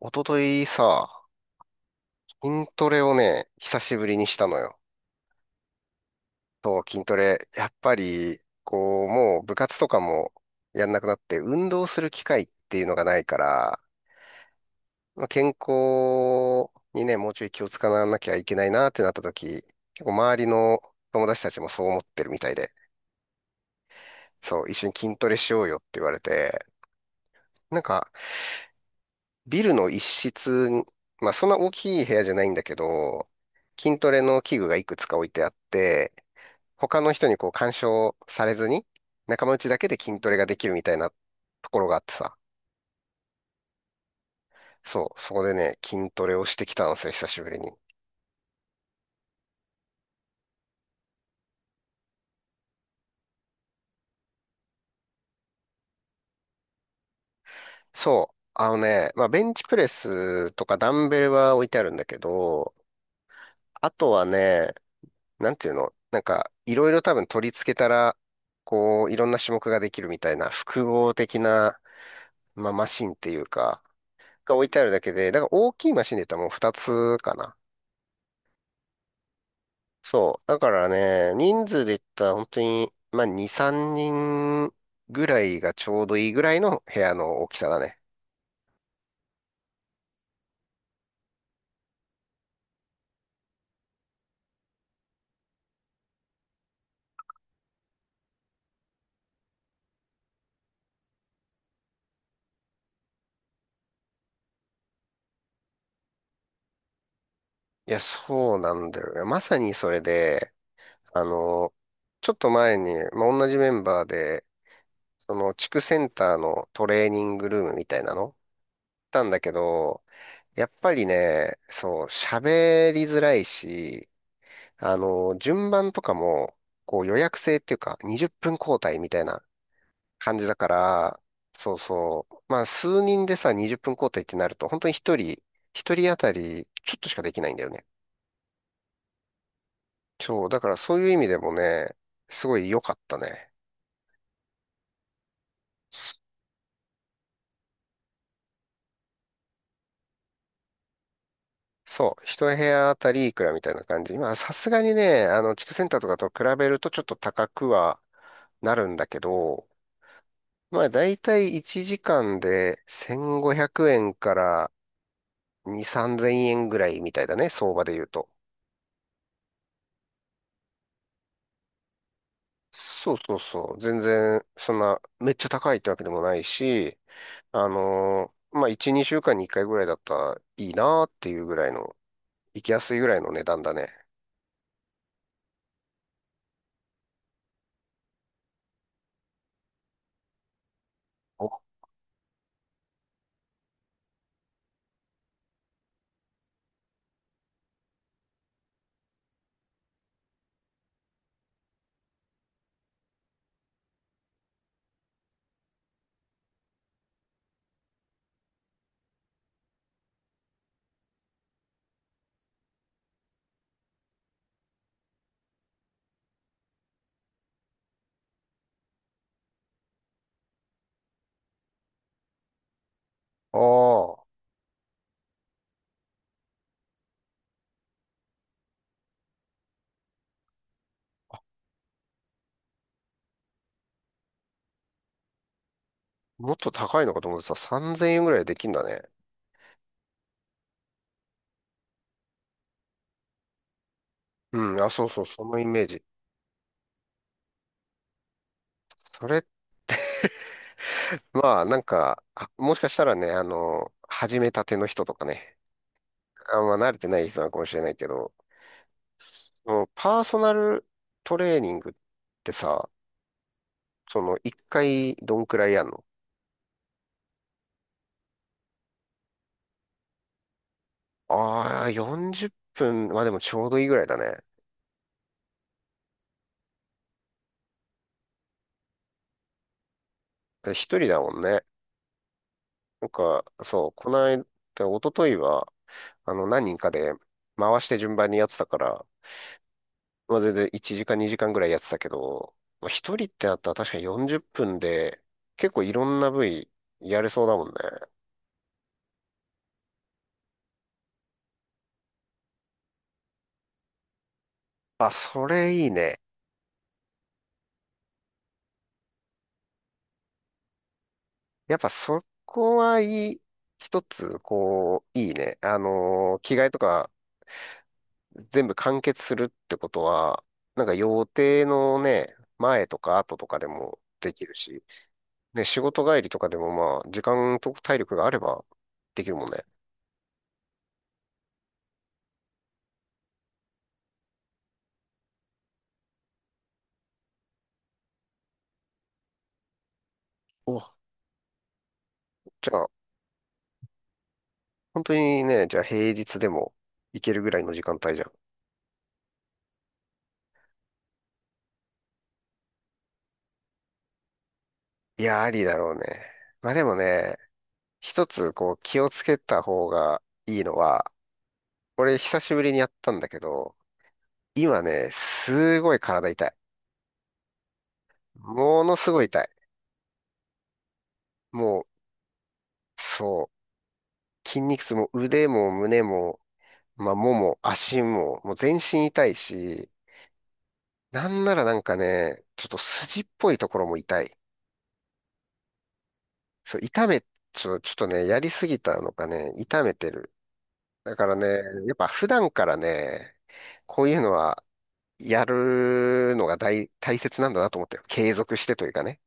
一昨日さ、筋トレをね、久しぶりにしたのよ。そう、筋トレ。やっぱり、こう、もう部活とかもやんなくなって、運動する機会っていうのがないから、まあ健康にね、もうちょい気を使わなきゃいけないなってなった時、結構周りの友達たちもそう思ってるみたいで、そう、一緒に筋トレしようよって言われて、なんか、ビルの一室に、まあそんな大きい部屋じゃないんだけど、筋トレの器具がいくつか置いてあって、他の人にこう干渉されずに、仲間内だけで筋トレができるみたいなところがあってさ。そう、そこでね、筋トレをしてきたんですよ、久しぶりに。そう、あのね、まあ、ベンチプレスとかダンベルは置いてあるんだけど、あとはね、なんていうの、なんか、いろいろ多分取り付けたら、こう、いろんな種目ができるみたいな、複合的な、まあ、マシンっていうか、が置いてあるだけで、だから大きいマシンで言ったらもう2つかな。そう。だからね、人数で言ったら本当に、まあ、2、3人ぐらいがちょうどいいぐらいの部屋の大きさだね。いや、そうなんだよね。まさにそれで、あの、ちょっと前に、まあ、同じメンバーで、その地区センターのトレーニングルームみたいなの行ったんだけど、やっぱりね、そう、喋りづらいし、あの、順番とかも、こう予約制っていうか、20分交代みたいな感じだから、そうそう。まあ、数人でさ、20分交代ってなると、本当に一人当たり、ちょっとしかできないんだよね。そう、だからそういう意味でもね、すごい良かったね。そう、一部屋あたりいくらみたいな感じ。まあ、さすがにね、あの、地区センターとかと比べるとちょっと高くはなるんだけど、まあ、だいたい1時間で1500円から2、3000円ぐらいみたいだね、相場で言うと。そうそうそう。全然、そんな、めっちゃ高いってわけでもないし、まあ、1、2週間に1回ぐらいだったらいいなーっていうぐらいの、行きやすいぐらいの値段だね。お、ああ、もっと高いのかと思ってた。3000円ぐらいできんだね。うん、あ、そうそう、そのイメージ。それ、まあ、なんか、あもしかしたらね、あの始めたての人とかね、あんま慣れてない人なのかもしれないけど、そのパーソナルトレーニングってさ、その、1回どんくらいやんの？ああ、40分、まあでもちょうどいいぐらいだね。で一人だもんね。なんか、そう、この間、一昨日は、あの、何人かで回して順番にやってたから、まあ全然1時間2時間ぐらいやってたけど、まあ一人ってなったら確かに40分で、結構いろんな部位やれそうだもんね。あ、それいいね。やっぱそこはいい、一つ、こう、いいね。着替えとか全部完結するってことは、なんか予定のね、前とか後とかでもできるし、ね仕事帰りとかでもまあ、時間と体力があればできるもんね。お、じゃあ、本当にね、じゃあ平日でも行けるぐらいの時間帯じゃん。いや、ありだろうね。まあでもね、一つこう気をつけた方がいいのは、俺久しぶりにやったんだけど、今ね、すごい体痛い。ものすごい痛い。もう、そう筋肉痛も腕も胸も、まあ、もも、足も、もう全身痛いし、なんならなんかね、ちょっと筋っぽいところも痛い。そう、ちょっとね、やりすぎたのかね、痛めてる。だからね、やっぱ普段からね、こういうのはやるのが大切なんだなと思ったよ。継続してというかね。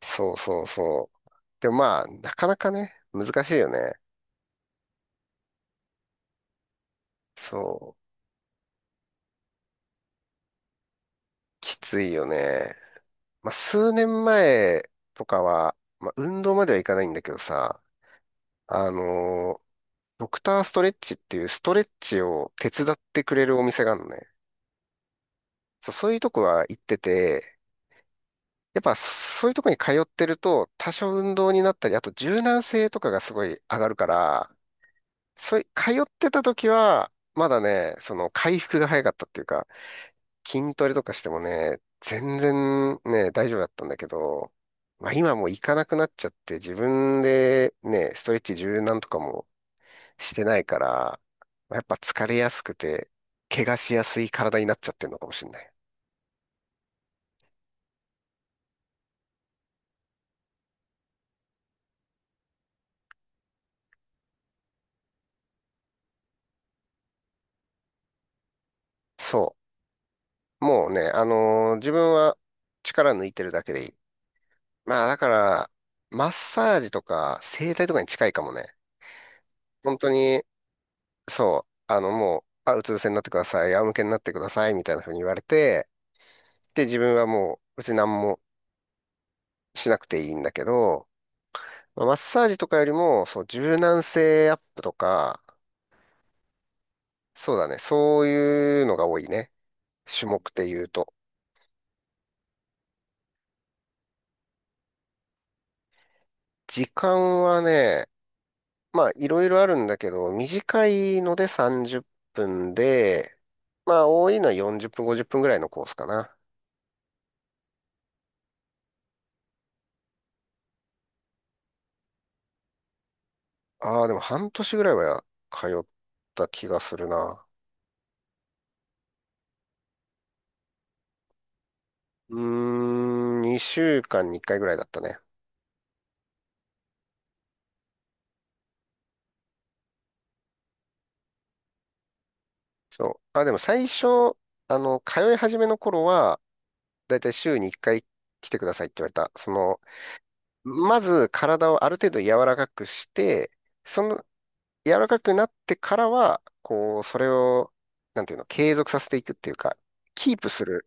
そうそうそう。でもまあ、なかなかね、難しいよね。そう、きついよね。まあ、数年前とかは、まあ、運動まではいかないんだけどさ、あのードクターストレッチっていうストレッチを手伝ってくれるお店があるのね。そう、そういうとこは行ってて、やっぱそういうとこに通ってると多少運動になったり、あと柔軟性とかがすごい上がるから、そうい、通ってた時は、まだね、その回復が早かったっていうか、筋トレとかしてもね、全然ね、大丈夫だったんだけど、まあ今もう行かなくなっちゃって自分でね、ストレッチ柔軟とかもしてないから、まあやっぱ疲れやすくて、怪我しやすい体になっちゃってるのかもしれない。そう。もうね、自分は力抜いてるだけでいい。まあだから、マッサージとか整体とかに近いかもね。本当に、そう、あのもう、あ、うつ伏せになってください、仰向けになってください、みたいな風に言われて、自分はもう別に何もしなくていいんだけど、まあマッサージとかよりも、そう、柔軟性アップとか、そうだね、そういうのが多いね。種目で言うと。時間はね、まあいろいろあるんだけど、短いので30分で、まあ多いのは40分、50分ぐらいのコースかな。ああ、でも半年ぐらいは通った気がするな。うーん、2週間に1回ぐらいだったね。そう。あ、でも最初、あの、通い始めの頃は、だいたい週に1回来てくださいって言われた。その、まず体をある程度柔らかくして、その、柔らかくなってからは、こう、それを、なんていうの、継続させていくっていうか、キープする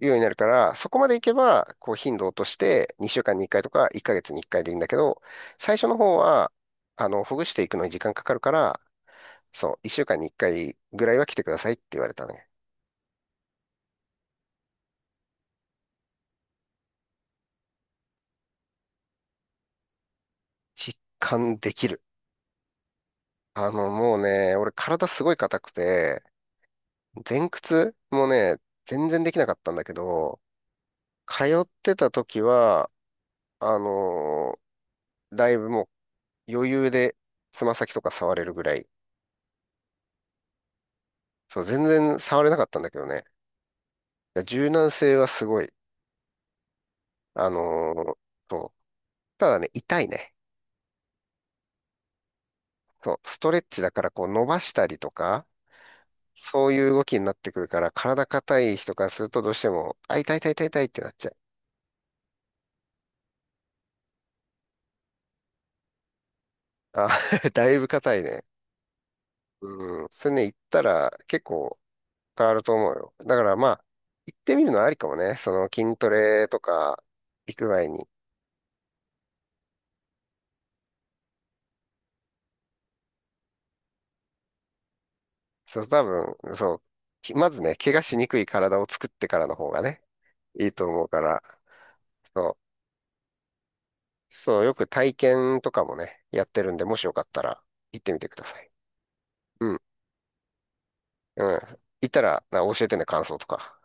ようになるから、そこまでいけば、こう、頻度を落として、2週間に1回とか、1ヶ月に1回でいいんだけど、最初の方は、あの、ほぐしていくのに時間かかるから、そう、1週間に1回ぐらいは来てくださいって言われたね。実感できる。あの、もうね、俺体すごい硬くて、前屈もね、全然できなかったんだけど、通ってた時は、あのだいぶもう余裕でつま先とか触れるぐらい。そう、全然触れなかったんだけどね。柔軟性はすごい。あのーそう。ただね、痛いね。そう、ストレッチだからこう伸ばしたりとか、そういう動きになってくるから、体硬い人からするとどうしても、あ、痛い痛い痛い痛いってなっちゃう。あ、だいぶ硬いね。うん。それね、行ったら結構変わると思うよ。だからまあ、行ってみるのはありかもね。その筋トレとか行く前に。そう、多分、そう、まずね、怪我しにくい体を作ってからの方がね、いいと思うから、そう、そう、よく体験とかもね、やってるんで、もしよかったら行ってみてください。うん。うん。行ったら、教えてね、感想とか。